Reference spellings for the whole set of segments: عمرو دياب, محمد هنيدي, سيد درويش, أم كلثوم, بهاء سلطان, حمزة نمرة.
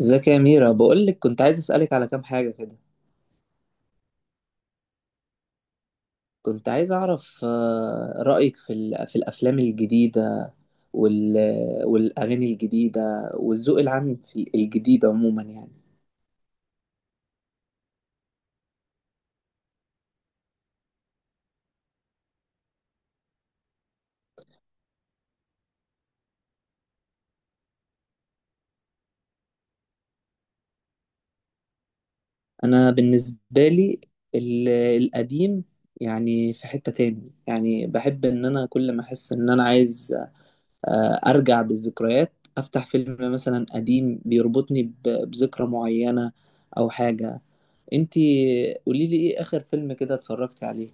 ازيك يا ميرا، بقولك كنت عايز اسألك على كام حاجة كده. كنت عايز اعرف رأيك في في الافلام الجديدة وال والاغاني الجديدة والذوق العام في الجديد عموما يعني. انا بالنسبة لي ال- القديم، يعني في حتة تاني يعني بحب ان انا كل ما احس ان انا عايز ارجع بالذكريات، افتح فيلم مثلا قديم بيربطني بذكرى معينة او حاجة. انتي قولي لي، ايه اخر فيلم كده اتفرجت عليه؟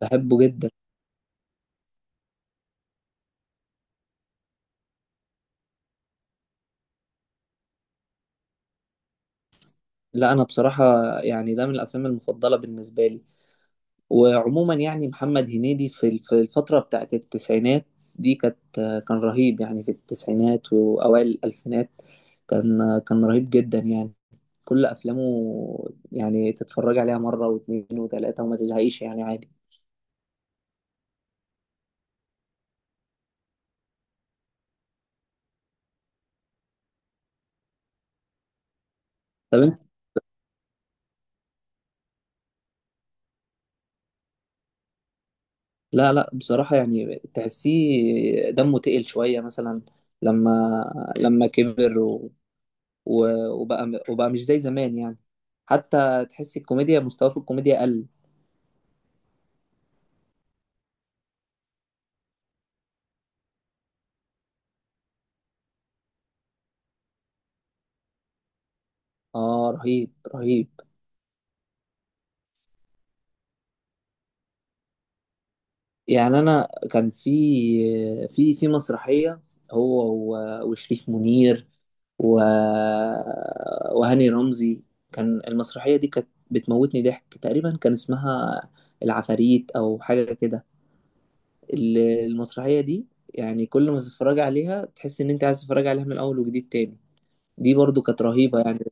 بحبه جدا. لا انا بصراحة يعني ده من الافلام المفضلة بالنسبة لي. وعموما يعني محمد هنيدي في في الفترة بتاعت التسعينات دي كانت، كان رهيب يعني في التسعينات واوائل الالفينات، كان رهيب جدا يعني. كل افلامه يعني تتفرج عليها مرة واثنين وثلاثة وما تزهقيش يعني عادي. طب انت. لا، لا بصراحة يعني تحسيه دمه تقل شوية، مثلا لما كبر، وبقى مش زي زمان يعني. حتى تحس الكوميديا، مستواه في الكوميديا قل. اه رهيب، رهيب. يعني انا كان في، في مسرحية، هو وشريف منير و... وهاني رمزي. كان المسرحية دي كانت بتموتني ضحك تقريبا، كان اسمها العفاريت او حاجة كده. المسرحية دي يعني كل ما تتفرج عليها تحس ان انت عايز تتفرج عليها من الاول وجديد تاني. دي برضو كانت رهيبة يعني.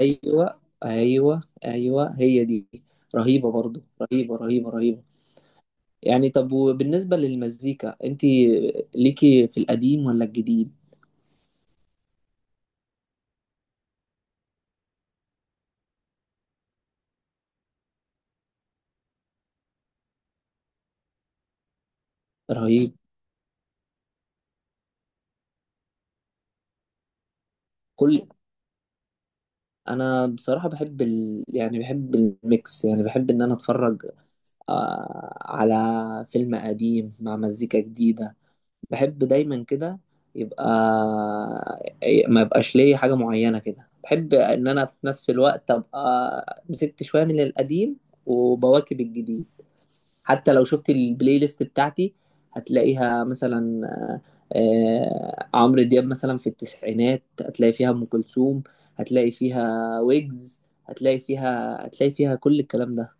ايوه، ايوه، ايوه هي دي. رهيبه برضو، رهيبه رهيبه رهيبه. يعني طب، وبالنسبه للمزيكا، انت ليكي في القديم ولا الجديد؟ رهيب. كل انا بصراحه بحب يعني بحب الميكس، يعني بحب ان انا اتفرج على فيلم قديم مع مزيكا جديده. بحب دايما كده، يبقى ما يبقاش ليا حاجة معينة كده. بحب ان انا في نفس الوقت ابقى مسكت شوية من القديم، وبواكب الجديد. حتى لو شفت البلاي ليست بتاعتي، هتلاقيها مثلا عمرو دياب مثلا في التسعينات، هتلاقي فيها ام كلثوم، هتلاقي فيها ويجز، هتلاقي فيها كل الكلام ده.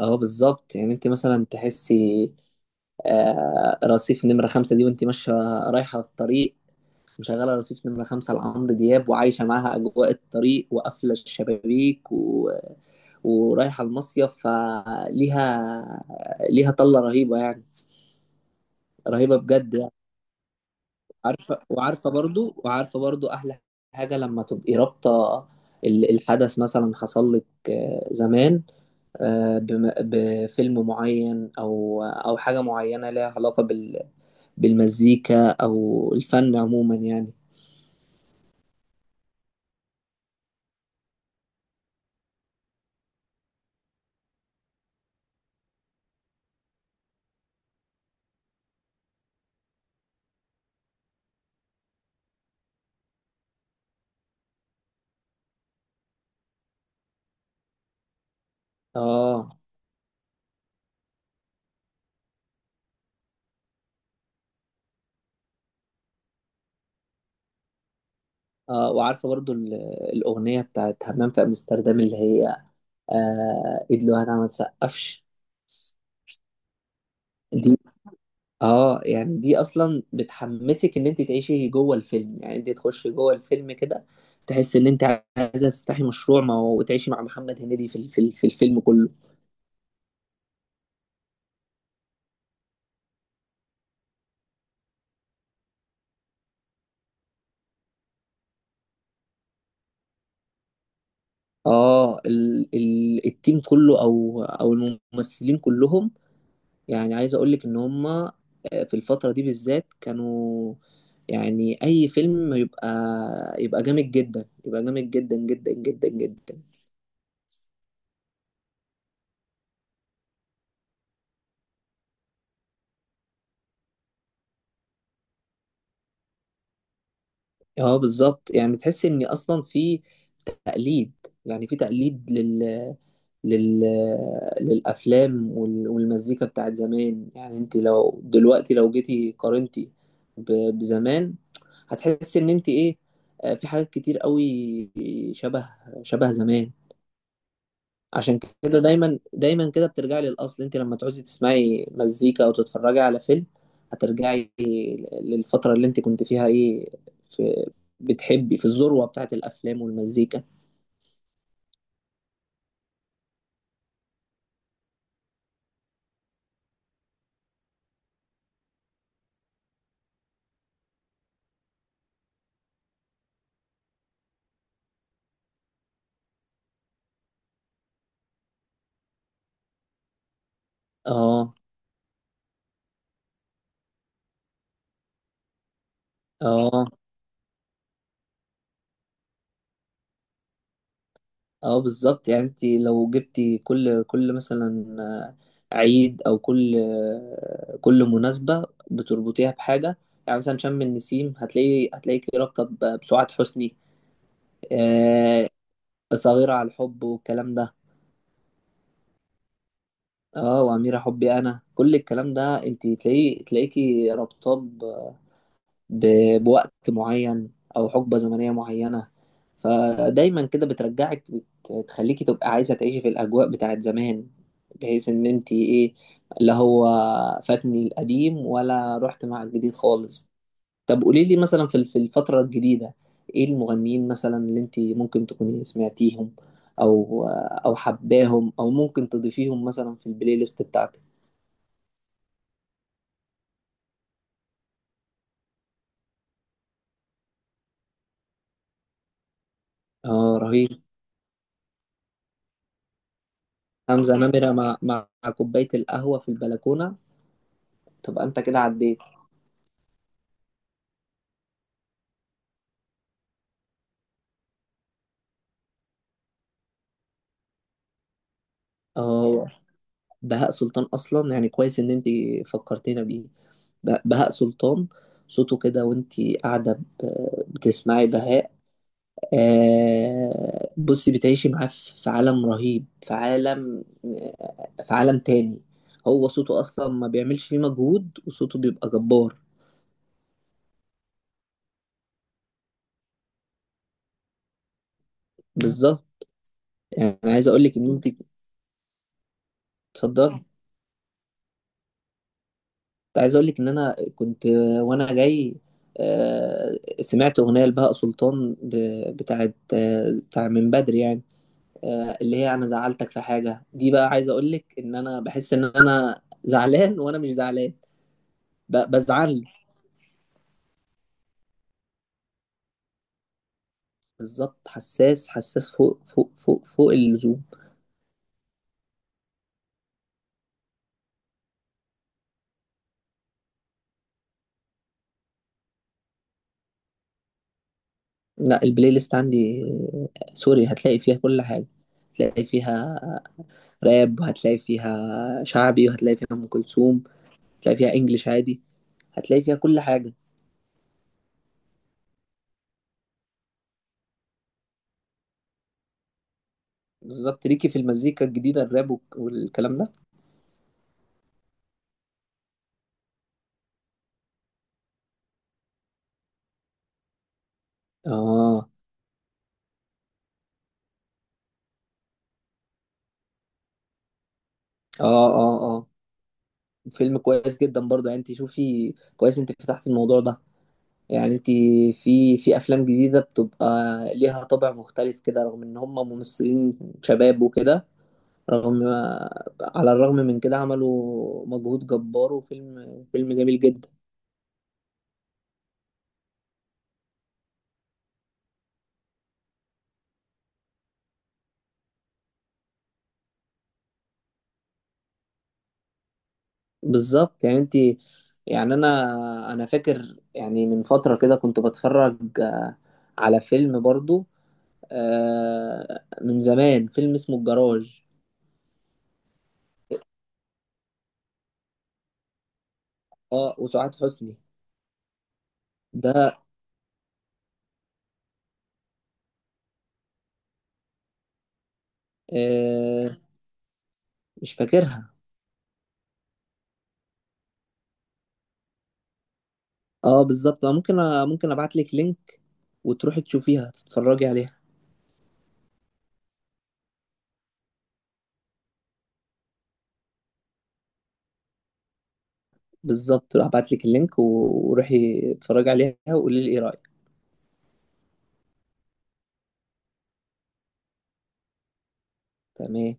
اه بالظبط. يعني انت مثلا تحسي رصيف نمرة خمسة دي وانت ماشية رايحة في الطريق، مشغلة رصيف نمرة خمسة لعمرو دياب، وعايشة معاها أجواء الطريق وقافلة الشبابيك ورايحة المصيف. فليها، ليها طلة رهيبة يعني، رهيبة بجد يعني. عارفة، وعارفة برضو، وعارفة برضو أحلى حاجة لما تبقي رابطة الحدث مثلا حصل لك زمان، بفيلم معين او حاجه معينه ليها علاقه بالمزيكا او الفن عموما يعني. اه، اه وعارفه برضو الاغنيه بتاعت همام في امستردام، اللي هي ايد لوحدها ما تسقفش. دي. اه يعني دي اصلا بتحمسك ان انت تعيشي جوه الفيلم، يعني انت تخشي جوه الفيلم كده، تحس ان انت عايزه تفتحي مشروع ما وتعيشي مع محمد هنيدي في في في الفيلم كله. اه، ال ال التيم كله او الممثلين كلهم، يعني عايز اقول لك ان هم في الفتره دي بالذات كانوا، يعني اي فيلم يبقى جامد جدا، يبقى جامد جدا جدا جدا جدا. اه بالظبط. يعني تحس ان اصلا في تقليد، يعني في تقليد لل... للأفلام والمزيكا بتاعت زمان. يعني انت لو دلوقتي، لو جيتي قارنتي ب... بزمان، هتحس ان انت في حاجات كتير قوي شبه، زمان. عشان كده دايما، دايما كده بترجعي للأصل. انت لما تعوزي تسمعي مزيكا او تتفرجي على فيلم، هترجعي للفترة اللي انت كنت فيها في بتحبي، في الذروة بتاعت الأفلام والمزيكا. اه، اه، اه بالظبط. يعني انت لو جبتي كل مثلا عيد او كل كل مناسبة بتربطيها بحاجة. يعني مثلا شم النسيم هتلاقيكي رابطة بسعاد حسني، آه، صغيرة على الحب والكلام ده. اه، وأميرة حبي انا، كل الكلام ده انت تلاقيكي رابطة بوقت معين او حقبة زمنية معينة. فدايما كده بترجعك، بتخليكي تبقى عايزة تعيشي في الاجواء بتاعت زمان، بحيث ان انتي اللي هو فاتني القديم ولا رحت مع الجديد خالص. طب قولي لي، مثلا في الفترة الجديدة، ايه المغنيين مثلا اللي انتي ممكن تكوني سمعتيهم، او او حباهم، او ممكن تضيفيهم مثلا في البلاي ليست بتاعتك؟ اه رهيب. حمزة نمرة مع كوباية القهوة في البلكونة، تبقى انت كده عديت. اه. بهاء سلطان اصلا، يعني كويس ان انت فكرتينا بيه، بهاء سلطان. صوته كده وانت قاعده بتسمعي بهاء، بصي بتعيشي معاه في عالم رهيب، في عالم، في عالم تاني. هو صوته اصلا ما بيعملش فيه مجهود، وصوته بيبقى جبار. بالظبط. يعني عايز اقول لك ان انت. اتفضلي. كنت عايز اقول لك ان انا كنت وانا جاي آه، سمعت اغنيه لبهاء سلطان بتاعت بتاع من بدري يعني، اللي هي انا زعلتك في حاجه. دي بقى، عايز اقول لك ان انا بحس ان انا زعلان وانا مش زعلان بزعل. بالظبط. حساس، حساس فوق، فوق، فوق، فوق اللزوم. لا البلاي ليست عندي سوري هتلاقي فيها كل حاجه. هتلاقي فيها راب، وهتلاقي فيها شعبي، وهتلاقي فيها ام كلثوم، هتلاقي فيها انجليش عادي، هتلاقي فيها كل حاجة. بالظبط. ليكي في المزيكا الجديدة، الراب والكلام ده؟ اه، اه، اه. اه فيلم كويس جدا برضه، يعني انت شوفي كويس، انت فتحت الموضوع ده. يعني انت في افلام جديدة بتبقى ليها طابع مختلف كده، رغم ان هم ممثلين شباب وكده، رغم على الرغم من كده عملوا مجهود جبار، فيلم جميل جدا. بالظبط. يعني انت، يعني انا فاكر، يعني من فترة كده كنت بتفرج على فيلم برضو من زمان، فيلم اسمه الجراج. اه وسعاد حسني. ده. آه مش فاكرها. اه بالظبط. ممكن ابعت لك لينك، وتروحي تشوفيها، تتفرجي عليها. بالظبط. هبعت لك اللينك، وروحي اتفرجي عليها، وقولي لي ايه رأيك. تمام.